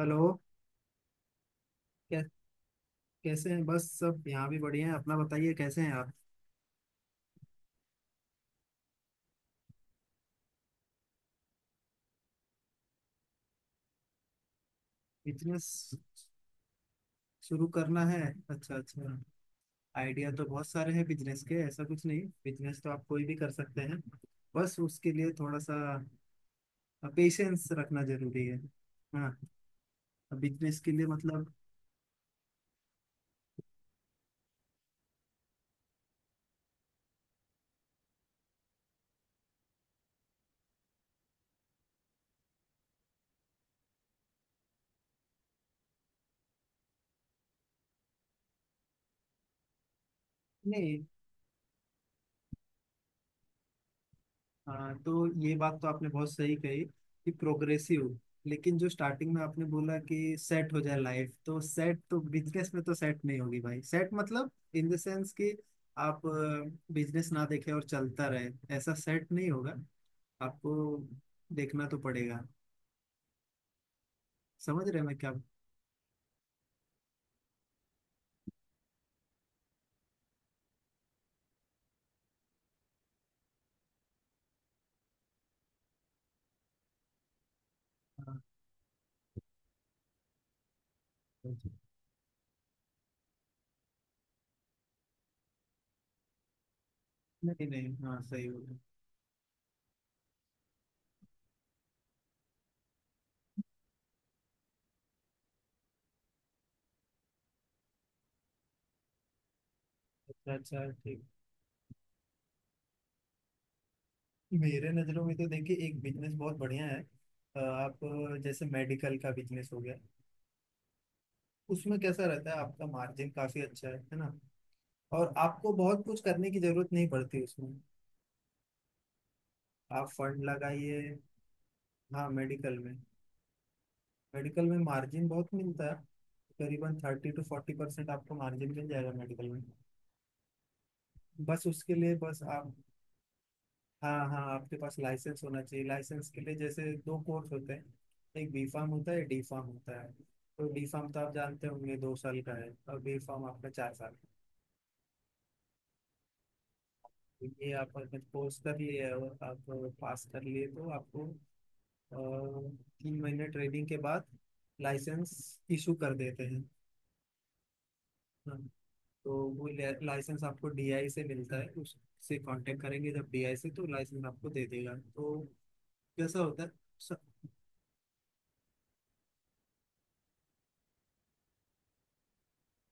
Hello. कै, कैसे हैं? बस सब यहाँ भी बढ़िया हैं, अपना बताइए, कैसे हैं आप? बिजनेस शुरू करना है? अच्छा, अच्छा। आइडिया तो बहुत सारे हैं बिजनेस के, ऐसा कुछ नहीं, बिजनेस तो आप कोई भी कर सकते हैं। बस उसके लिए थोड़ा सा पेशेंस रखना जरूरी है। हाँ, बिजनेस के लिए मतलब। नहीं, हाँ तो ये बात तो आपने बहुत सही कही कि प्रोग्रेसिव। लेकिन जो स्टार्टिंग में आपने बोला कि सेट हो जाए लाइफ, तो सेट तो बिजनेस में तो सेट नहीं होगी भाई। सेट मतलब इन द सेंस कि आप बिजनेस ना देखें और चलता रहे, ऐसा सेट नहीं होगा। आपको देखना तो पड़ेगा। समझ रहे हैं मैं क्या? हाँ, नहीं नहीं, हाँ सही होगा। अच्छा अच्छा, ठीक। मेरे नज़रों में तो देखिए एक बिजनेस बहुत बढ़िया है। आप जैसे मेडिकल का बिजनेस हो गया। उसमें कैसा रहता है आपका मार्जिन काफी अच्छा है ना। और आपको बहुत कुछ करने की जरूरत नहीं पड़ती उसमें। आप फंड लगाइए। हाँ मेडिकल में, मेडिकल में मार्जिन बहुत मिलता है। करीबन 30 से 40% आपको मार्जिन मिल जाएगा मेडिकल में। बस उसके लिए बस आप, हाँ हाँ, आपके पास लाइसेंस होना चाहिए। लाइसेंस के लिए जैसे दो कोर्स होते हैं, एक बी फार्म होता है, डी फार्म होता है। तो डी फार्म तो आप जानते होंगे 2 साल का है, और बी फार्म आपका 4 साल। ये आप अगर कोर्स कर लिए और आप पास कर लिए तो आपको अ, 3 महीने ट्रेनिंग के बाद लाइसेंस इशू कर देते हैं। हाँ, तो वो लाइसेंस आपको डीआई से मिलता है, उससे कांटेक्ट करेंगे जब डीआई से तो लाइसेंस आपको दे देगा तो कैसा होता है। स-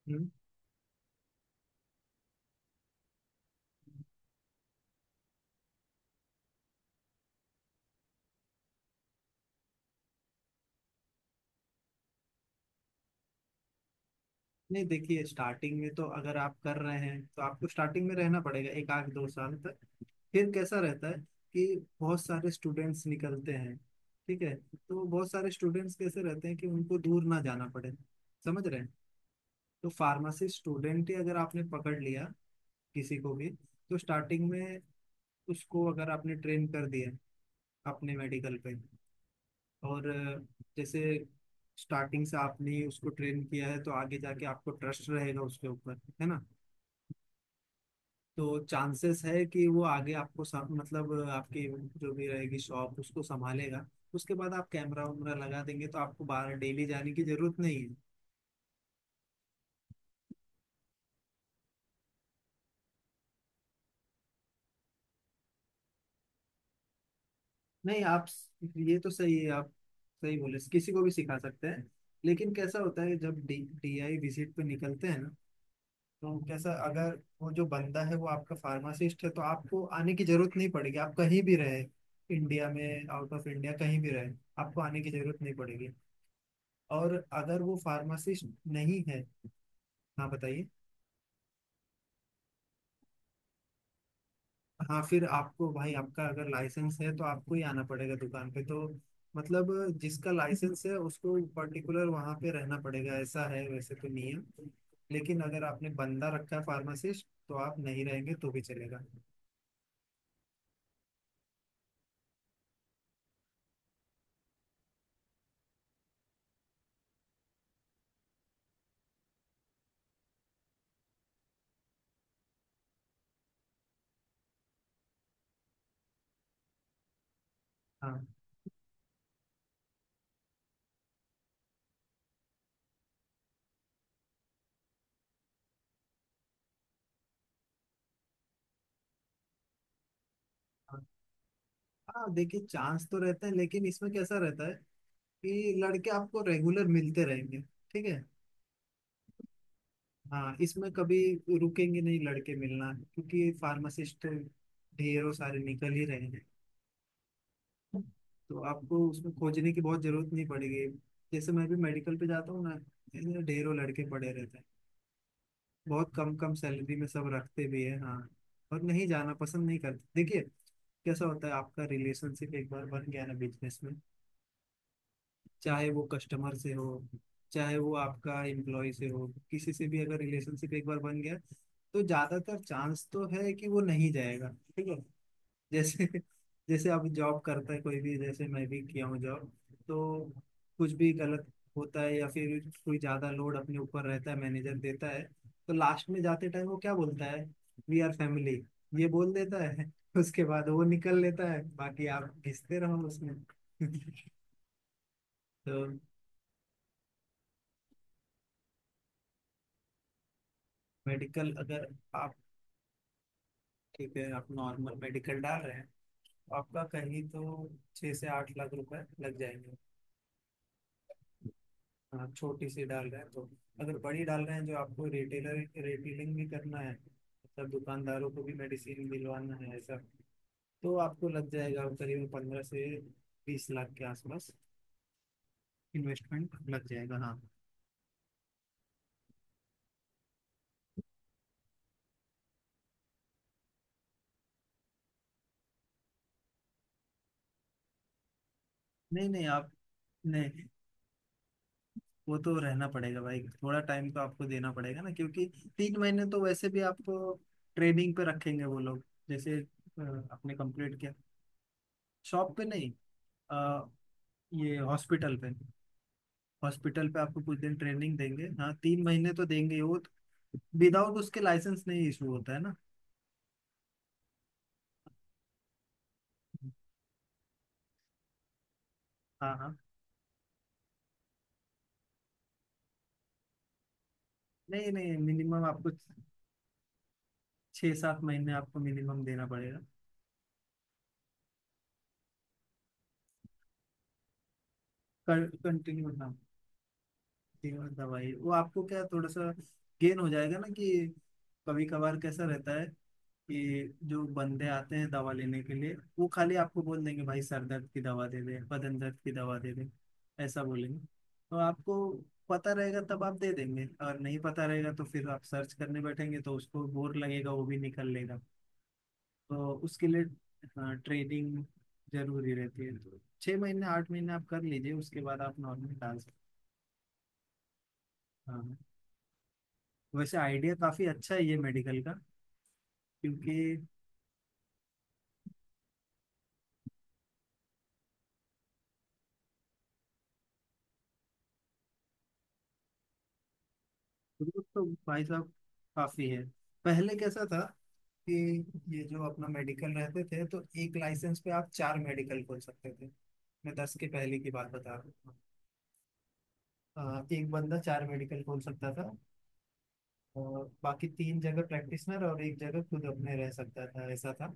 हम्म, नहीं देखिए स्टार्टिंग में तो अगर आप कर रहे हैं तो आपको स्टार्टिंग में रहना पड़ेगा 1 आध 2 साल तक। फिर कैसा रहता है कि बहुत सारे स्टूडेंट्स निकलते हैं। ठीक है, तो बहुत सारे स्टूडेंट्स कैसे रहते हैं कि उनको दूर ना जाना पड़े। समझ रहे हैं। तो फार्मेसी स्टूडेंट ही अगर आपने पकड़ लिया किसी को भी, तो स्टार्टिंग में उसको अगर आपने ट्रेन कर दिया अपने मेडिकल पे, और जैसे स्टार्टिंग से आपने उसको ट्रेन किया है तो आगे जाके आपको ट्रस्ट रहेगा उसके ऊपर, है ना। तो चांसेस है कि वो आगे आपको मतलब आपकी जो भी रहेगी शॉप उसको संभालेगा। उसके बाद आप कैमरा वैमरा लगा देंगे तो आपको बाहर डेली जाने की जरूरत नहीं है। नहीं आप, ये तो सही है, आप सही बोले, किसी को भी सिखा सकते हैं। लेकिन कैसा होता है जब डी डी आई विजिट पे निकलते हैं ना, तो कैसा, अगर वो जो बंदा है वो आपका फार्मासिस्ट है तो आपको आने की जरूरत नहीं पड़ेगी, आप कहीं भी रहे, इंडिया में आउट ऑफ इंडिया कहीं भी रहे, आपको आने की जरूरत नहीं पड़ेगी। और अगर वो फार्मासिस्ट नहीं है, हाँ बताइए, हाँ फिर आपको भाई, आपका अगर लाइसेंस है तो आपको ही आना पड़ेगा दुकान पे, तो मतलब जिसका लाइसेंस है उसको पर्टिकुलर वहाँ पे रहना पड़ेगा, ऐसा है वैसे तो नियम। लेकिन अगर आपने बंदा रखा है फार्मासिस्ट तो आप नहीं रहेंगे तो भी चलेगा। हाँ हाँ, हाँ, देखिए चांस तो रहता है, लेकिन इसमें कैसा रहता है कि लड़के आपको रेगुलर मिलते रहेंगे, ठीक है। हाँ इसमें कभी रुकेंगे नहीं लड़के मिलना, क्योंकि फार्मासिस्ट ढेरों सारे निकल ही रहे हैं। तो आपको उसमें खोजने की बहुत जरूरत नहीं पड़ेगी। जैसे मैं भी मेडिकल पे जाता हूँ ना, ऐसे ढेरों लड़के पड़े रहते हैं। बहुत कम कम सैलरी में सब रखते भी है, हाँ, और नहीं जाना पसंद नहीं करते। देखिए कैसा होता है, आपका रिलेशनशिप एक बार बन गया ना बिजनेस में, चाहे वो कस्टमर से हो, चाहे वो आपका एम्प्लॉय से हो, किसी से भी अगर रिलेशनशिप एक बार बन गया तो ज्यादातर चांस तो है कि वो नहीं जाएगा, ठीक है। जैसे, जैसे आप जॉब करता है कोई भी, जैसे मैं भी किया हूँ जॉब, तो कुछ भी गलत होता है या फिर कोई ज्यादा लोड अपने ऊपर रहता है, मैनेजर देता है, तो लास्ट में जाते टाइम वो क्या बोलता है, वी आर फैमिली, ये बोल देता है, उसके बाद वो निकल लेता है, बाकी आप घिसते रहो उसमें। तो मेडिकल अगर आप, ठीक है आप नॉर्मल मेडिकल डाल रहे हैं तो आपका कहीं तो ₹6 से 8 लाख लग जाएंगे। हाँ छोटी सी डाल रहे हैं तो। अगर बड़ी डाल रहे हैं जो आपको रिटेलर, रिटेलिंग भी करना है मतलब दुकानदारों को भी मेडिसिन दिलवाना है ऐसा, तो आपको लग जाएगा करीब 15 से 20 लाख के आसपास इन्वेस्टमेंट लग जाएगा, हाँ। नहीं नहीं आप, नहीं वो तो रहना पड़ेगा भाई, थोड़ा टाइम तो आपको देना पड़ेगा ना, क्योंकि 3 महीने तो वैसे भी आपको ट्रेनिंग पे रखेंगे वो लोग। जैसे आपने कंप्लीट किया, शॉप पे नहीं, अ, ये हॉस्पिटल पे, हॉस्पिटल पे आपको कुछ दिन ट्रेनिंग देंगे, हाँ 3 महीने तो देंगे ही, वो तो विदाउट उसके लाइसेंस नहीं इशू होता है ना। हाँ हाँ, नहीं नहीं मिनिमम आपको 6 7 महीने आपको मिनिमम देना पड़ेगा कंटिन्यू। तीन दवाई वो आपको क्या थोड़ा सा गेन हो जाएगा ना, कि कभी कभार कैसा रहता है कि जो बंदे आते हैं दवा लेने के लिए वो खाली आपको बोल देंगे भाई सर दर्द की दवा दे दे, बदन दर्द की दवा दे दे, ऐसा बोलेंगे। तो आपको पता रहेगा तब आप दे देंगे, और नहीं पता रहेगा तो फिर आप सर्च करने बैठेंगे तो उसको बोर लगेगा, वो भी निकल लेगा। तो उसके लिए हाँ ट्रेनिंग जरूरी रहती है, तो 6 महीने 8 महीने आप कर लीजिए, उसके बाद आप नॉर्मल डाल सकते हैं, हाँ। वैसे आइडिया काफी अच्छा है ये मेडिकल का, क्योंकि ग्रुप तो भाई साहब काफी है। पहले कैसा था कि ये जो अपना मेडिकल रहते थे तो एक लाइसेंस पे आप 4 मेडिकल खोल सकते थे। मैं दस के पहले की बात बता रहा हूँ। 1 बंदा 4 मेडिकल खोल सकता था, और बाकी 3 जगह प्रैक्टिशनर और एक जगह खुद अपने रह सकता था, ऐसा था।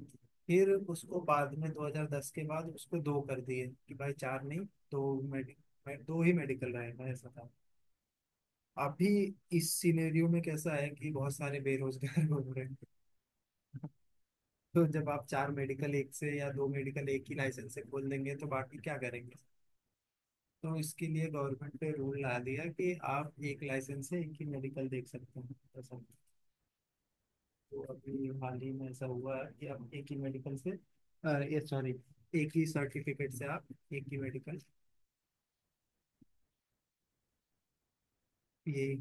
फिर उसको बाद में 2010 के बाद उसको दो कर दिए कि भाई चार नहीं, दो मेडिकल, दो ही मेडिकल रहेगा, ऐसा था। अभी इस सिनेरियो में कैसा है कि बहुत सारे बेरोजगार घूम रहे हैं। तो जब आप 4 मेडिकल एक से या 2 मेडिकल एक ही लाइसेंस से खोल देंगे तो बाकी क्या करेंगे। तो इसके लिए गवर्नमेंट ने रूल ला दिया कि आप एक लाइसेंस से एक ही मेडिकल देख सकते हैं, ऐसा। तो अभी हाल ही में ऐसा हुआ है कि आप एक ही मेडिकल से ये सॉरी, एक ही सर्टिफिकेट से आप एक ही मेडिकल, ये।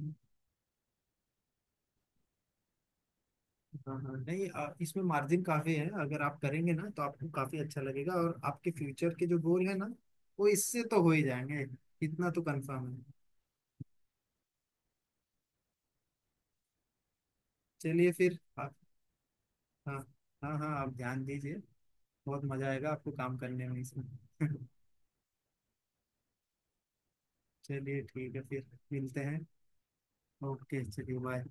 हाँ हाँ, नहीं इसमें मार्जिन काफी है, अगर आप करेंगे ना तो आपको काफी अच्छा लगेगा, और आपके फ्यूचर के जो गोल है ना वो इससे तो हो ही जाएंगे, इतना तो कंफर्म है। चलिए फिर आप, हाँ हाँ, हाँ आप ध्यान दीजिए, बहुत मजा आएगा आपको काम करने में इसमें। चलिए ठीक है फिर, मिलते हैं। ओके चलिए, बाय।